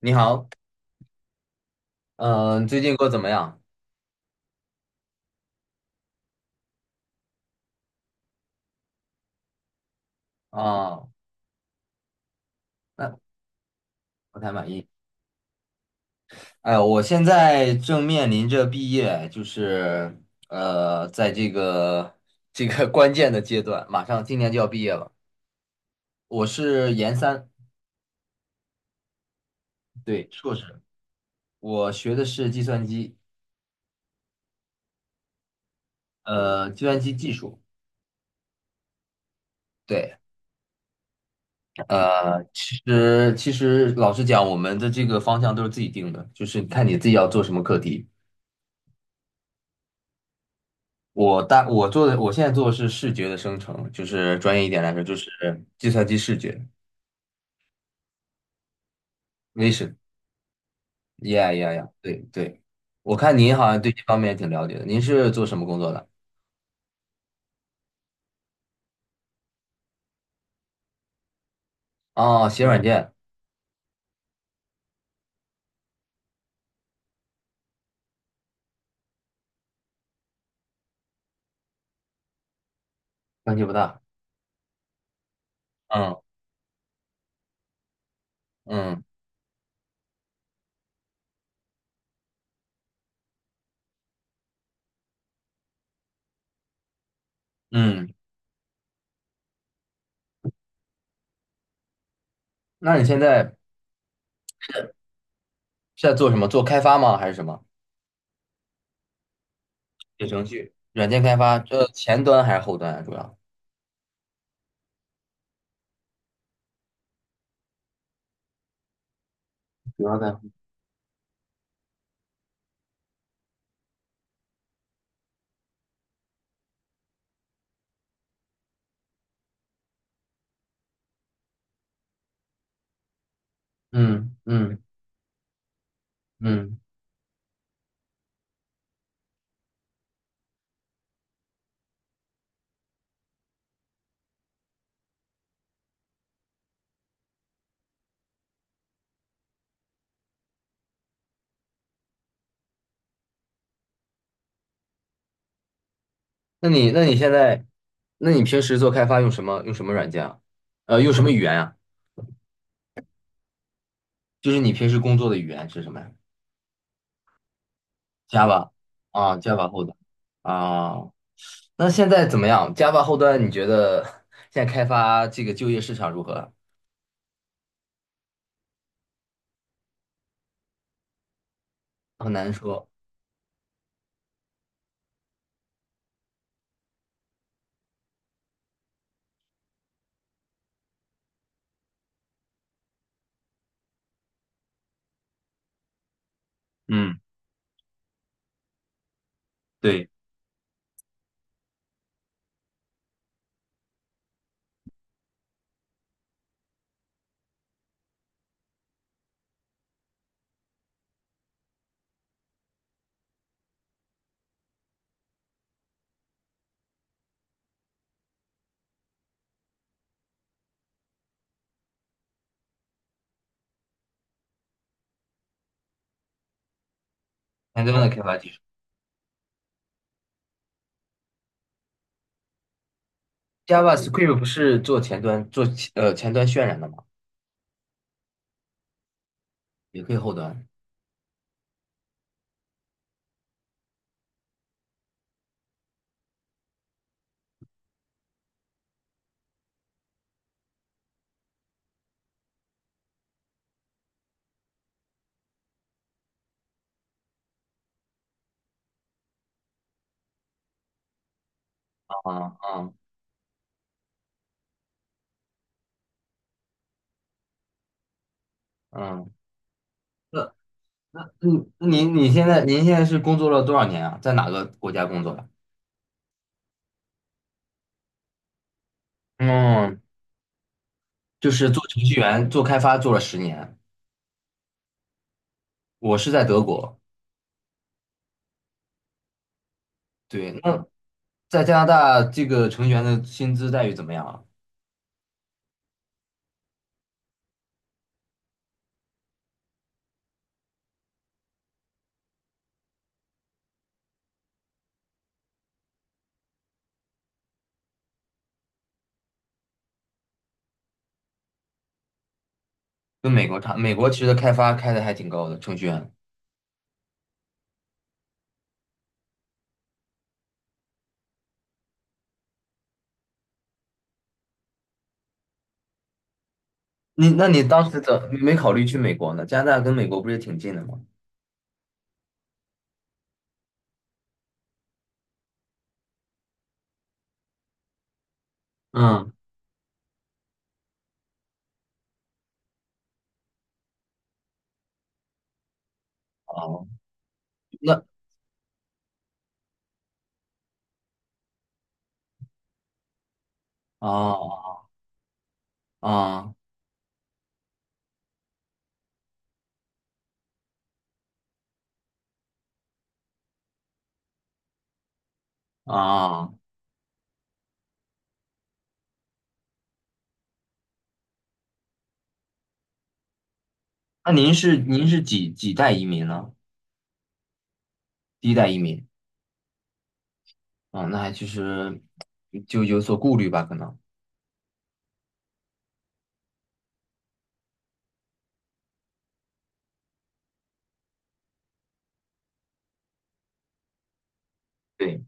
你好。嗯、最近过得怎么样？啊？那不太满意。哎，我现在正面临着毕业，就是在这个 关键的阶段，马上今年就要毕业了。我是研三，对，硕士，我学的是计算机，计算机技术。对，其实老实讲，我们的这个方向都是自己定的，就是看你自己要做什么课题。我现在做的是视觉的生成，就是专业一点来说，就是计算机视觉 vision。Yeah, yeah, yeah,yeah，对对，我看您好像对这方面也挺了解的，您是做什么工作的？哦，写软件，问题不大。嗯嗯嗯，那你现在是在做什么？做开发吗？还是什么？写程序，软件开发，这前端还是后端啊？主要主要在嗯嗯嗯，那你那你现在，那你平时做开发用什么软件啊？呃，用什么语言啊？就是你平时工作的语言是什么呀？Java 啊，Java 后端啊。那现在怎么样？Java 后端你觉得现在开发这个就业市场如何？很难说。嗯，对，前端的开发技术，Java Script 不是做前端做前端渲染的吗？也可以后端。啊啊嗯，那那您现在是工作了多少年啊？在哪个国家工作的？嗯，就是做程序员、做开发做了十年，我是在德国。对，那在加拿大，这个程序员的薪资待遇怎么样啊？跟美国差，美国其实开发开的还挺高的，程序员。那你当时怎么没考虑去美国呢？加拿大跟美国不是也挺近的吗？嗯，哦，那哦啊啊，那您是几代移民呢？第一代移民啊，那还其实就有所顾虑吧，可能。对。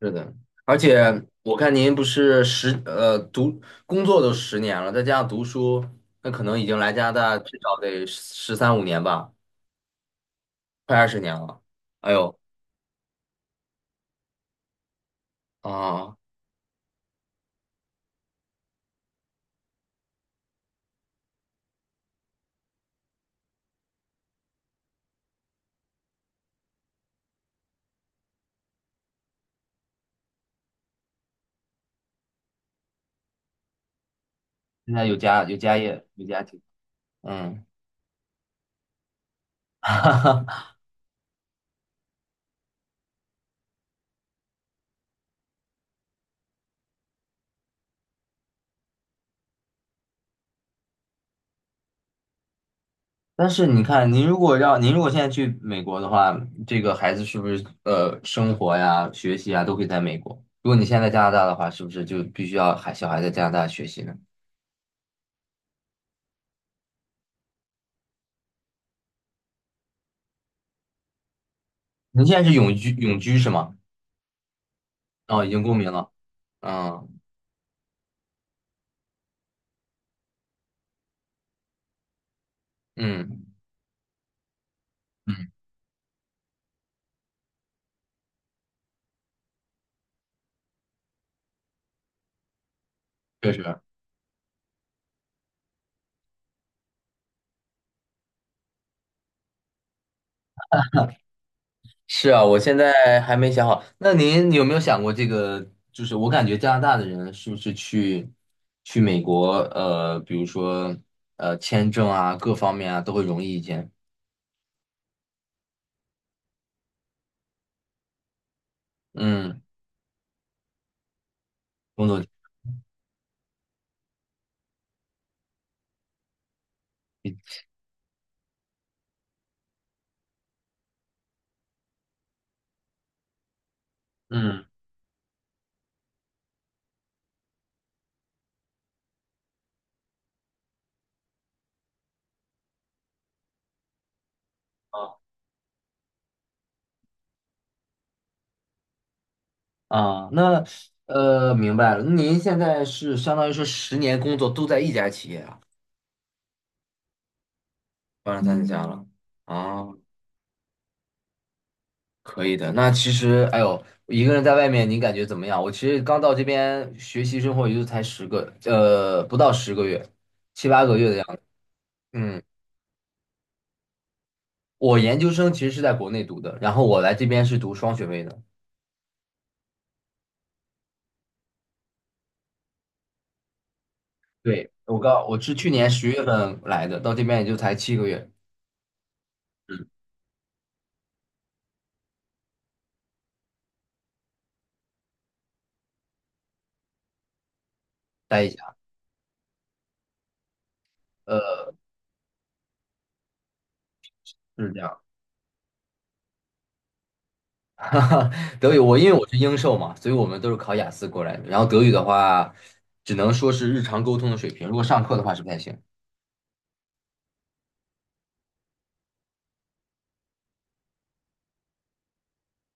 是的，而且我看您不是十呃读工作都十年了，再加上读书，那可能已经来加拿大至少得13、15年吧，快20年了。哎呦啊，现在有家业有家庭，嗯，但是你看，您如果现在去美国的话，这个孩子是不是生活呀、学习啊都可以在美国？如果你现在在加拿大的话，是不是就必须要小孩在加拿大学习呢？您现在是永居是吗？哦，已经公民了。啊，嗯，嗯，确实。是啊，我现在还没想好。那您有没有想过这个？就是我感觉加拿大的人是不是去美国，呃，比如说呃签证啊，各方面啊都会容易一些。嗯，工作，嗯，啊，那呃明白了。那您现在是相当于说十年工作都在一家企业啊，当然咱家了啊。可以的，那其实，哎呦，一个人在外面，你感觉怎么样？我其实刚到这边学习生活，也就才十个，呃，不到10个月，7、8个月的样子。嗯，我研究生其实是在国内读的，然后我来这边是读双学位的。对，我刚，我是去年10月份来的，到这边也就才7个月。嗯，待一下，呃，是这样。哈哈，德语我因为我是英授嘛，所以我们都是考雅思过来的。然后德语的话，只能说是日常沟通的水平，如果上课的话是不太行。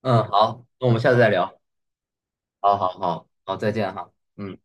嗯，好，那我们下次再聊。好好好好，再见哈，嗯。